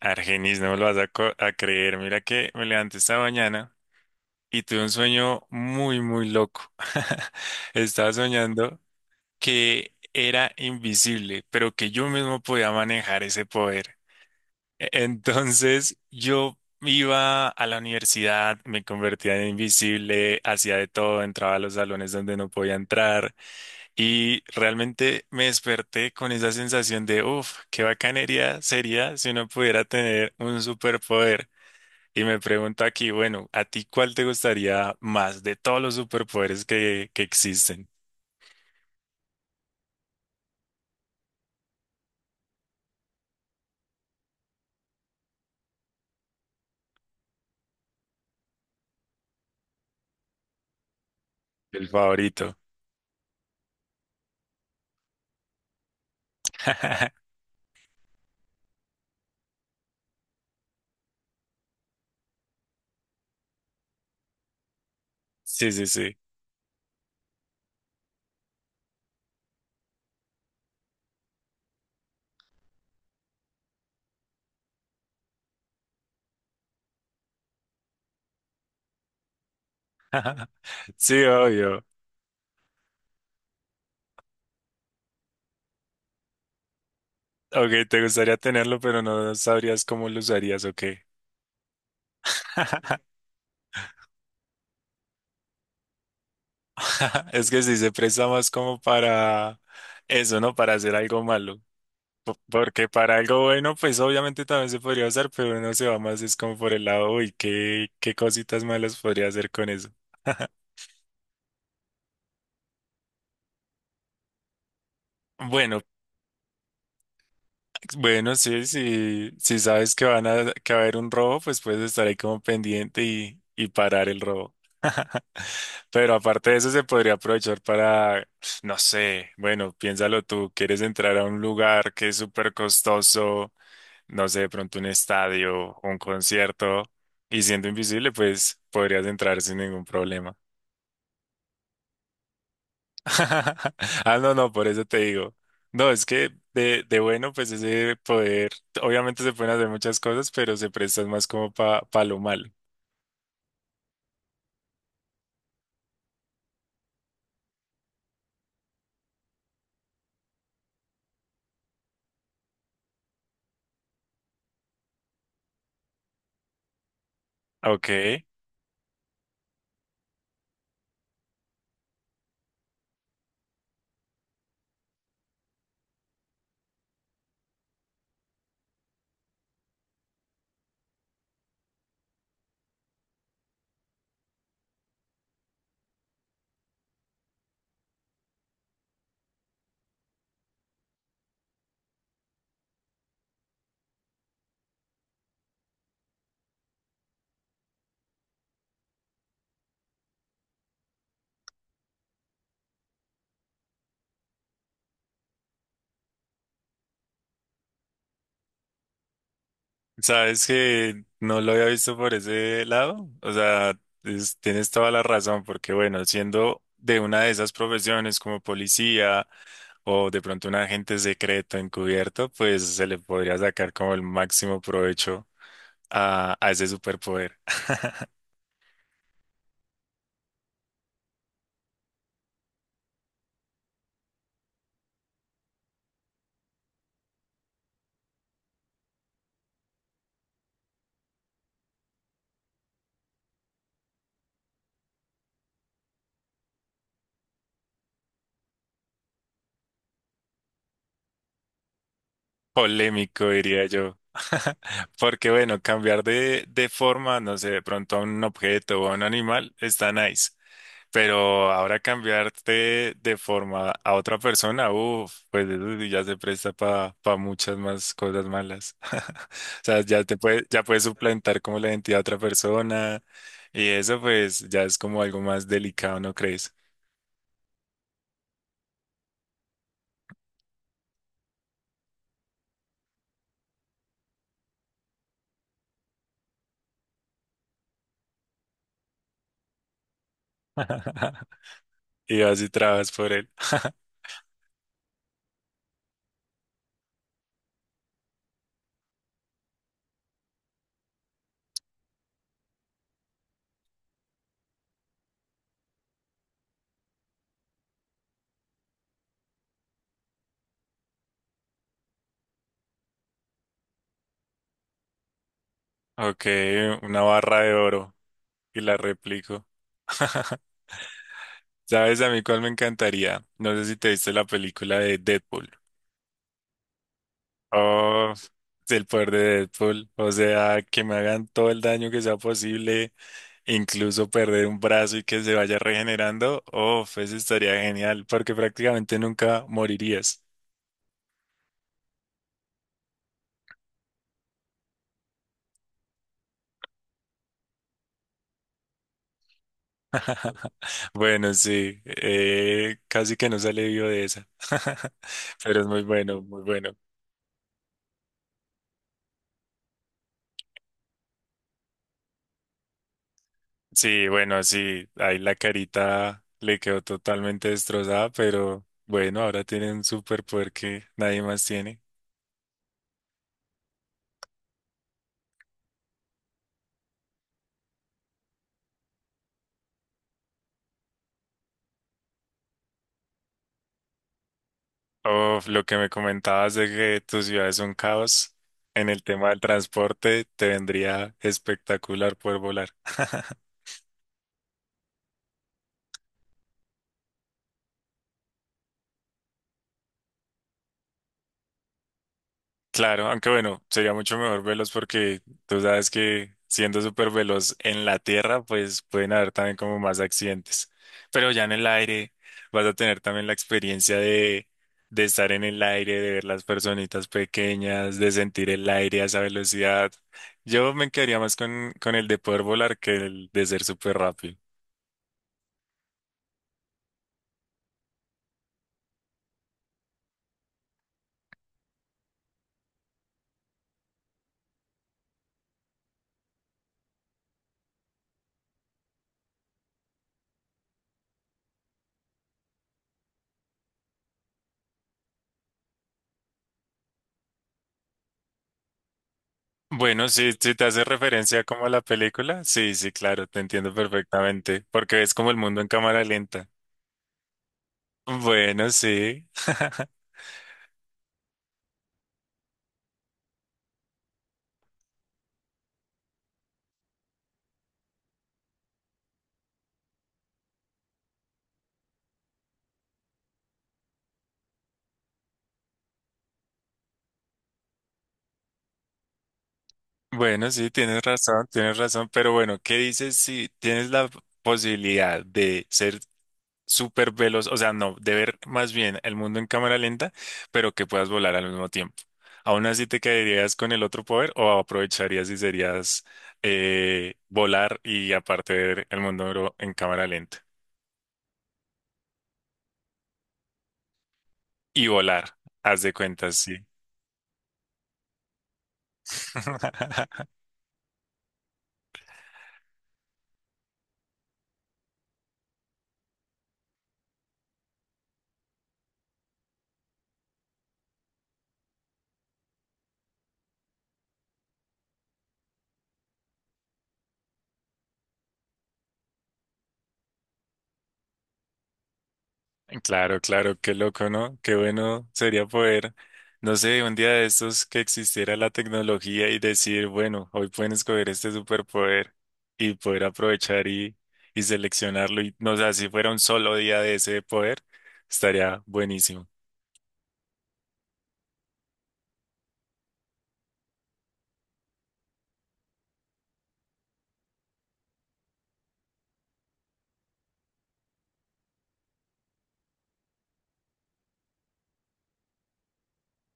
Argenis, no me lo vas a, a creer. Mira que me levanté esta mañana y tuve un sueño muy, muy loco. Estaba soñando que era invisible, pero que yo mismo podía manejar ese poder. Entonces yo iba a la universidad, me convertía en invisible, hacía de todo, entraba a los salones donde no podía entrar y realmente me desperté con esa sensación de, uff, qué bacanería sería si uno pudiera tener un superpoder. Y me pregunta aquí, bueno, ¿a ti cuál te gustaría más de todos los superpoderes que existen? El favorito. Sí, sí, sí. Sí, obvio. Ok, te gustaría tenerlo, pero no sabrías cómo lo usarías o qué. Es que sí se presta más como para eso, ¿no? Para hacer algo malo. Porque para algo bueno, pues obviamente también se podría usar, pero uno se va más, es como por el lado, uy, qué, qué cositas malas podría hacer con eso. Bueno, pues, bueno, sí, sí, si sabes que van a, que va a haber un robo, pues puedes estar ahí como pendiente y parar el robo. Pero aparte de eso, se podría aprovechar para, no sé, bueno, piénsalo tú, quieres entrar a un lugar que es súper costoso, no sé, de pronto un estadio, un concierto, y siendo invisible, pues podrías entrar sin ningún problema. Ah, no, no, por eso te digo. No, es que de bueno, pues ese poder, obviamente se pueden hacer muchas cosas, pero se prestan más como para pa lo malo. Ok, sabes que no lo había visto por ese lado, o sea, tienes toda la razón, porque bueno, siendo de una de esas profesiones como policía, o de pronto un agente secreto encubierto, pues se le podría sacar como el máximo provecho a ese superpoder. Polémico, diría yo. Porque bueno, cambiar de forma, no sé, de pronto a un objeto o a un animal está nice. Pero ahora cambiarte de forma a otra persona, uff, pues eso sí ya se presta para muchas más cosas malas. O sea, ya te puede, ya puedes suplantar como la identidad de otra persona y eso pues ya es como algo más delicado, ¿no crees? Y vas y trabajas por él. Ok, una barra de oro y la replico. ¿Sabes a mí cuál me encantaría? No sé si te viste la película de Deadpool. Oh, el poder de Deadpool. O sea, que me hagan todo el daño que sea posible, incluso perder un brazo y que se vaya regenerando. Oh, eso estaría genial, porque prácticamente nunca morirías. Bueno, sí, casi que no sale vivo de esa. Pero es muy bueno, muy bueno. Sí, bueno, sí, ahí la carita le quedó totalmente destrozada, pero bueno, ahora tiene un superpoder que nadie más tiene. Uf, lo que me comentabas de que tu ciudad es un caos en el tema del transporte, te vendría espectacular poder volar. Claro, aunque bueno, sería mucho mejor veloz porque tú sabes que siendo súper veloz en la tierra, pues pueden haber también como más accidentes. Pero ya en el aire vas a tener también la experiencia de estar en el aire, de ver las personitas pequeñas, de sentir el aire a esa velocidad. Yo me quedaría más con el de poder volar que el de ser súper rápido. Bueno, si, si te hace referencia como a la película, sí, sí, claro, te entiendo perfectamente, porque es como el mundo en cámara lenta. Bueno, sí. Bueno, sí, tienes razón, pero bueno, ¿qué dices si tienes la posibilidad de ser súper veloz, o sea, no, de ver más bien el mundo en cámara lenta, pero que puedas volar al mismo tiempo? ¿Aún así te quedarías con el otro poder o aprovecharías y serías volar y aparte ver el mundo en cámara lenta? Y volar, haz de cuentas, sí. Claro, claro, qué loco, ¿no? Qué bueno sería poder, no sé, un día de estos que existiera la tecnología y decir, bueno, hoy pueden escoger este superpoder y poder aprovechar y seleccionarlo. Y no sé, si fuera un solo día de ese poder, estaría buenísimo.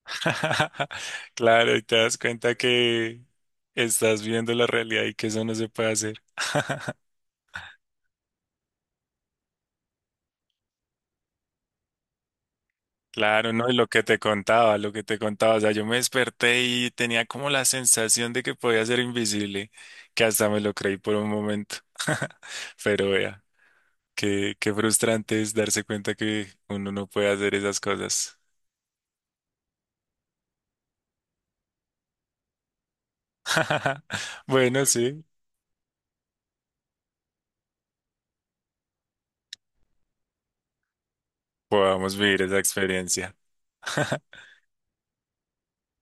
Claro, y te das cuenta que estás viendo la realidad y que eso no se puede hacer. Claro, no, y lo que te contaba, lo que te contaba, o sea, yo me desperté y tenía como la sensación de que podía ser invisible, que hasta me lo creí por un momento. Pero vea, qué, qué frustrante es darse cuenta que uno no puede hacer esas cosas. Bueno, sí, podamos vivir esa experiencia.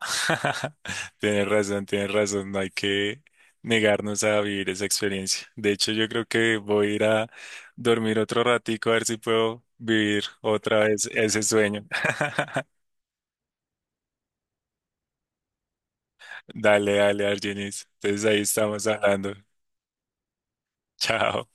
Tienes razón, no hay que negarnos a vivir esa experiencia. De hecho, yo creo que voy a ir a dormir otro ratico a ver si puedo vivir otra vez ese sueño. Dale, dale, Argenis. Entonces ahí estamos hablando. Chao.